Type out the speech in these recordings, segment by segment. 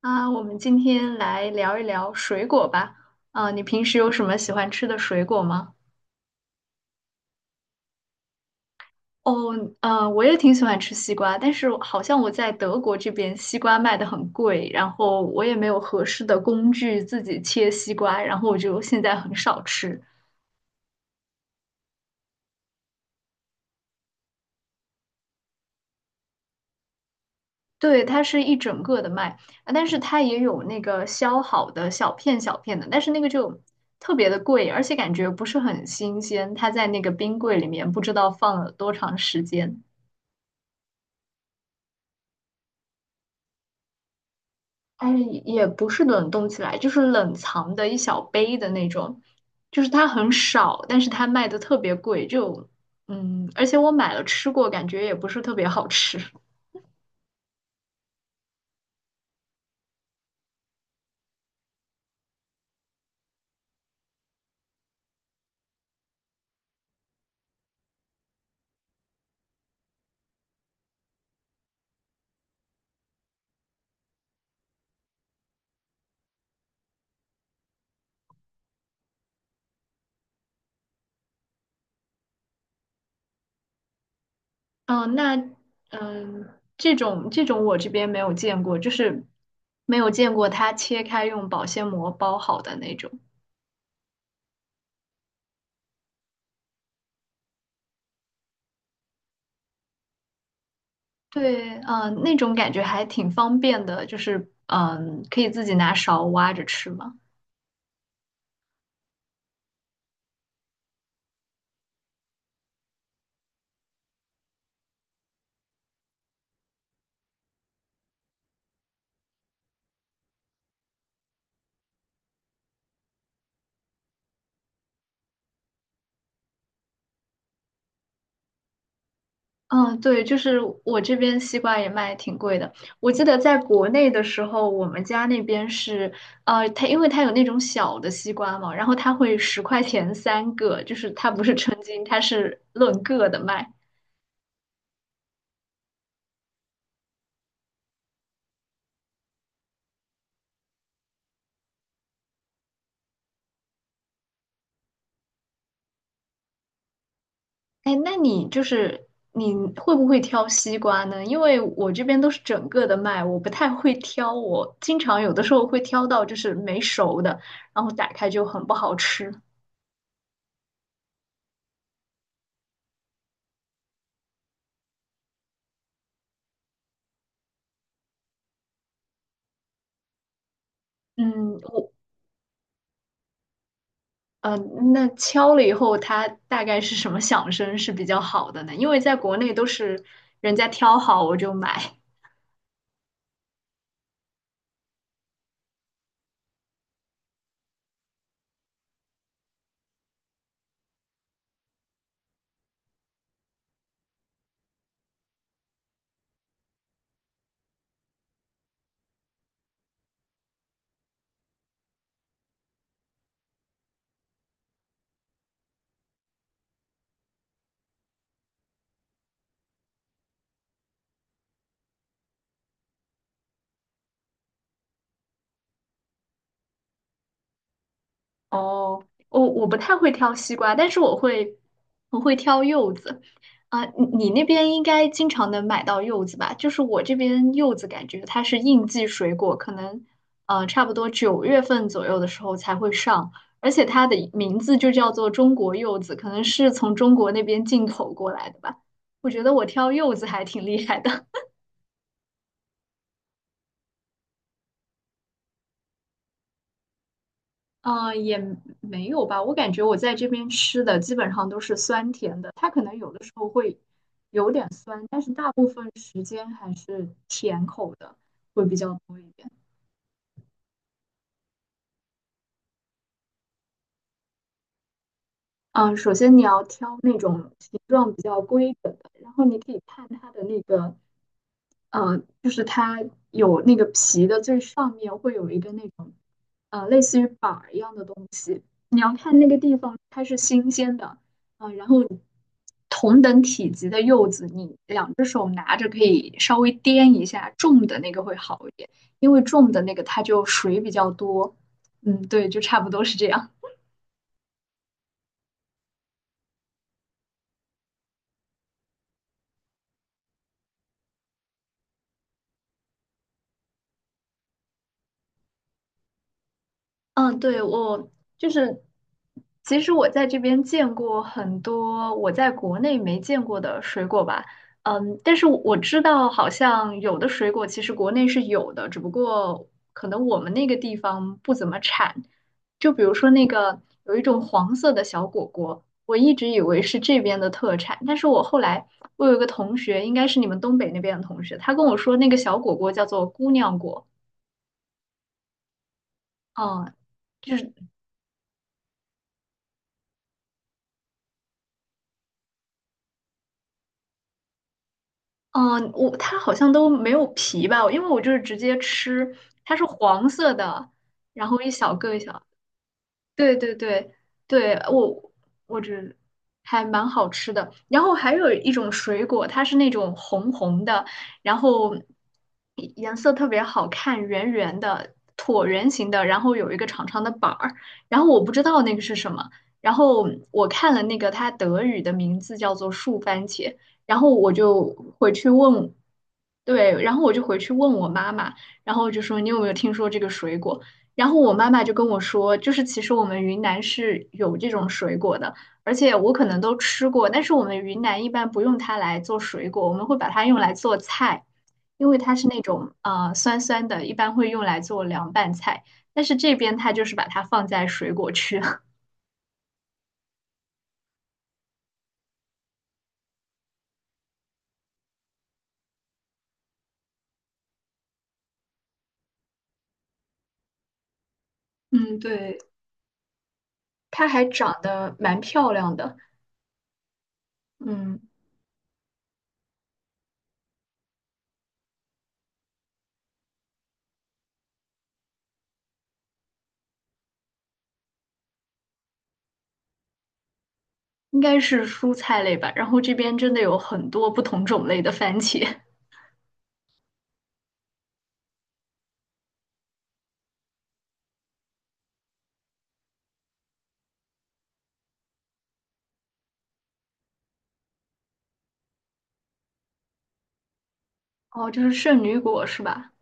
啊，我们今天来聊一聊水果吧。啊，你平时有什么喜欢吃的水果吗？哦，嗯，我也挺喜欢吃西瓜，但是好像我在德国这边西瓜卖的很贵，然后我也没有合适的工具自己切西瓜，然后我就现在很少吃。对，它是一整个的卖，啊但是它也有那个削好的小片小片的，但是那个就特别的贵，而且感觉不是很新鲜，它在那个冰柜里面不知道放了多长时间。哎，也不是冷冻起来，就是冷藏的一小杯的那种，就是它很少，但是它卖的特别贵，就嗯，而且我买了吃过，感觉也不是特别好吃。嗯，那嗯，这种我这边没有见过，就是没有见过它切开用保鲜膜包好的那种。对，嗯，那种感觉还挺方便的，就是嗯，可以自己拿勺挖着吃嘛。嗯，对，就是我这边西瓜也卖挺贵的。我记得在国内的时候，我们家那边是，它因为它有那种小的西瓜嘛，然后它会十块钱三个，就是它不是称斤，它是论个的卖。哎，那你就是你会不会挑西瓜呢？因为我这边都是整个的卖，我不太会挑，我经常有的时候会挑到就是没熟的，然后打开就很不好吃。嗯，我呃，那敲了以后，它大概是什么响声是比较好的呢？因为在国内都是人家挑好我就买，哦，我不太会挑西瓜，但是我会我会挑柚子。啊，你你那边应该经常能买到柚子吧？就是我这边柚子感觉它是应季水果，可能差不多九月份左右的时候才会上，而且它的名字就叫做中国柚子，可能是从中国那边进口过来的吧。我觉得我挑柚子还挺厉害的。也没有吧。我感觉我在这边吃的基本上都是酸甜的，它可能有的时候会有点酸，但是大部分时间还是甜口的会比较多一点。嗯、首先你要挑那种形状比较规整的，然后你可以看它的那个就是它有那个皮的最上面会有一个那种类似于板儿一样的东西，你要看那个地方它是新鲜的，啊、然后同等体积的柚子，你两只手拿着可以稍微掂一下，重的那个会好一点，因为重的那个它就水比较多，嗯，对，就差不多是这样。嗯，对，我就是，其实我在这边见过很多我在国内没见过的水果吧，嗯，但是我知道好像有的水果其实国内是有的，只不过可能我们那个地方不怎么产。就比如说那个有一种黄色的小果果，我一直以为是这边的特产，但是我后来我有一个同学，应该是你们东北那边的同学，他跟我说那个小果果叫做姑娘果，嗯。就是嗯，我它好像都没有皮吧，因为我就是直接吃，它是黄色的，然后一小个一小对对对对，我觉得还蛮好吃的。然后还有一种水果，它是那种红红的，然后颜色特别好看，圆圆的，椭圆形的，然后有一个长长的板儿。然后我不知道那个是什么，然后我看了那个它德语的名字叫做树番茄，然后我就回去问，对，然后我就回去问我妈妈，然后就说你有没有听说这个水果？然后我妈妈就跟我说，就是其实我们云南是有这种水果的，而且我可能都吃过，但是我们云南一般不用它来做水果，我们会把它用来做菜，因为它是那种酸酸的，一般会用来做凉拌菜。但是这边它就是把它放在水果区，嗯，对，它还长得蛮漂亮的，嗯，应该是蔬菜类吧。然后这边真的有很多不同种类的番茄，哦，就是圣女果是吧？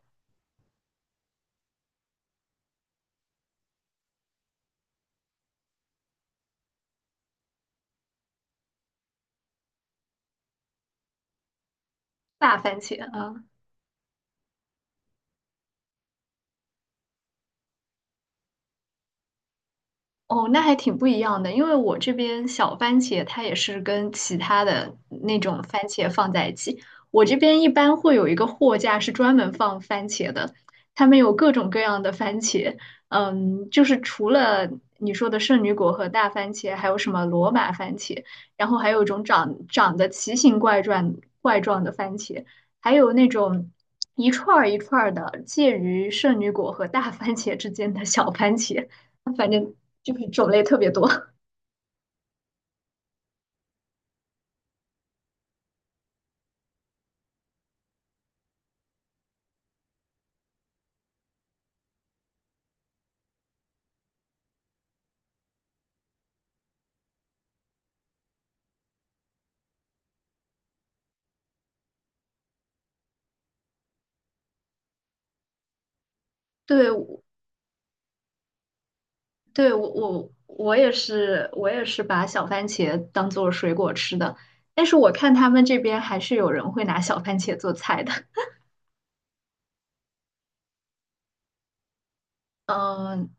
大番茄，嗯、哦，那还挺不一样的，因为我这边小番茄它也是跟其他的那种番茄放在一起。我这边一般会有一个货架是专门放番茄的，他们有各种各样的番茄，嗯，就是除了你说的圣女果和大番茄，还有什么罗马番茄，然后还有一种长长得奇形怪状怪状的番茄，还有那种一串儿一串儿的介于圣女果和大番茄之间的小番茄。反正就是种类特别多。对，我对，我也是，我也是把小番茄当做水果吃的，但是我看他们这边还是有人会拿小番茄做菜的。嗯，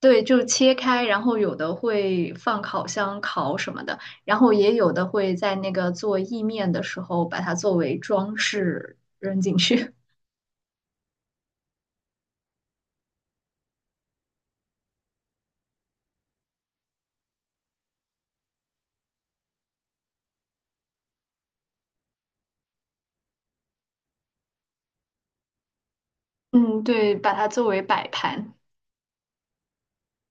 对，就切开，然后有的会放烤箱烤什么的，然后也有的会在那个做意面的时候把它作为装饰扔进去。嗯，对，把它作为摆盘。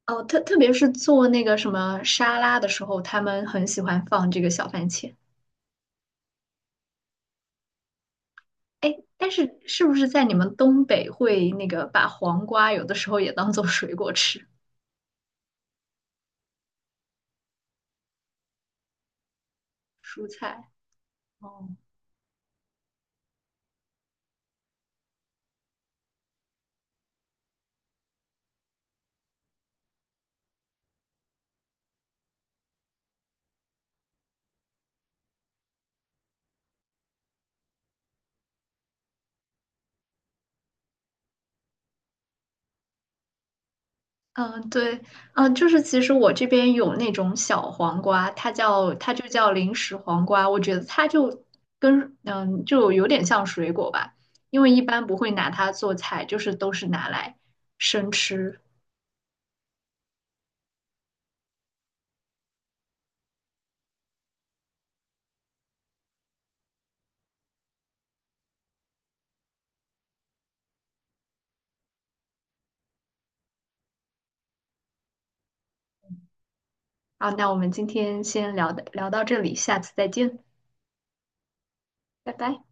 哦，特别是做那个什么沙拉的时候，他们很喜欢放这个小番茄。哎，但是是不是在你们东北会那个把黄瓜有的时候也当做水果吃，蔬菜？哦，嗯，对，嗯，就是其实我这边有那种小黄瓜，它叫它就叫零食黄瓜，我觉得它就跟嗯就有点像水果吧，因为一般不会拿它做菜，就是都是拿来生吃。好，那我们今天先聊的聊到这里，下次再见，拜拜。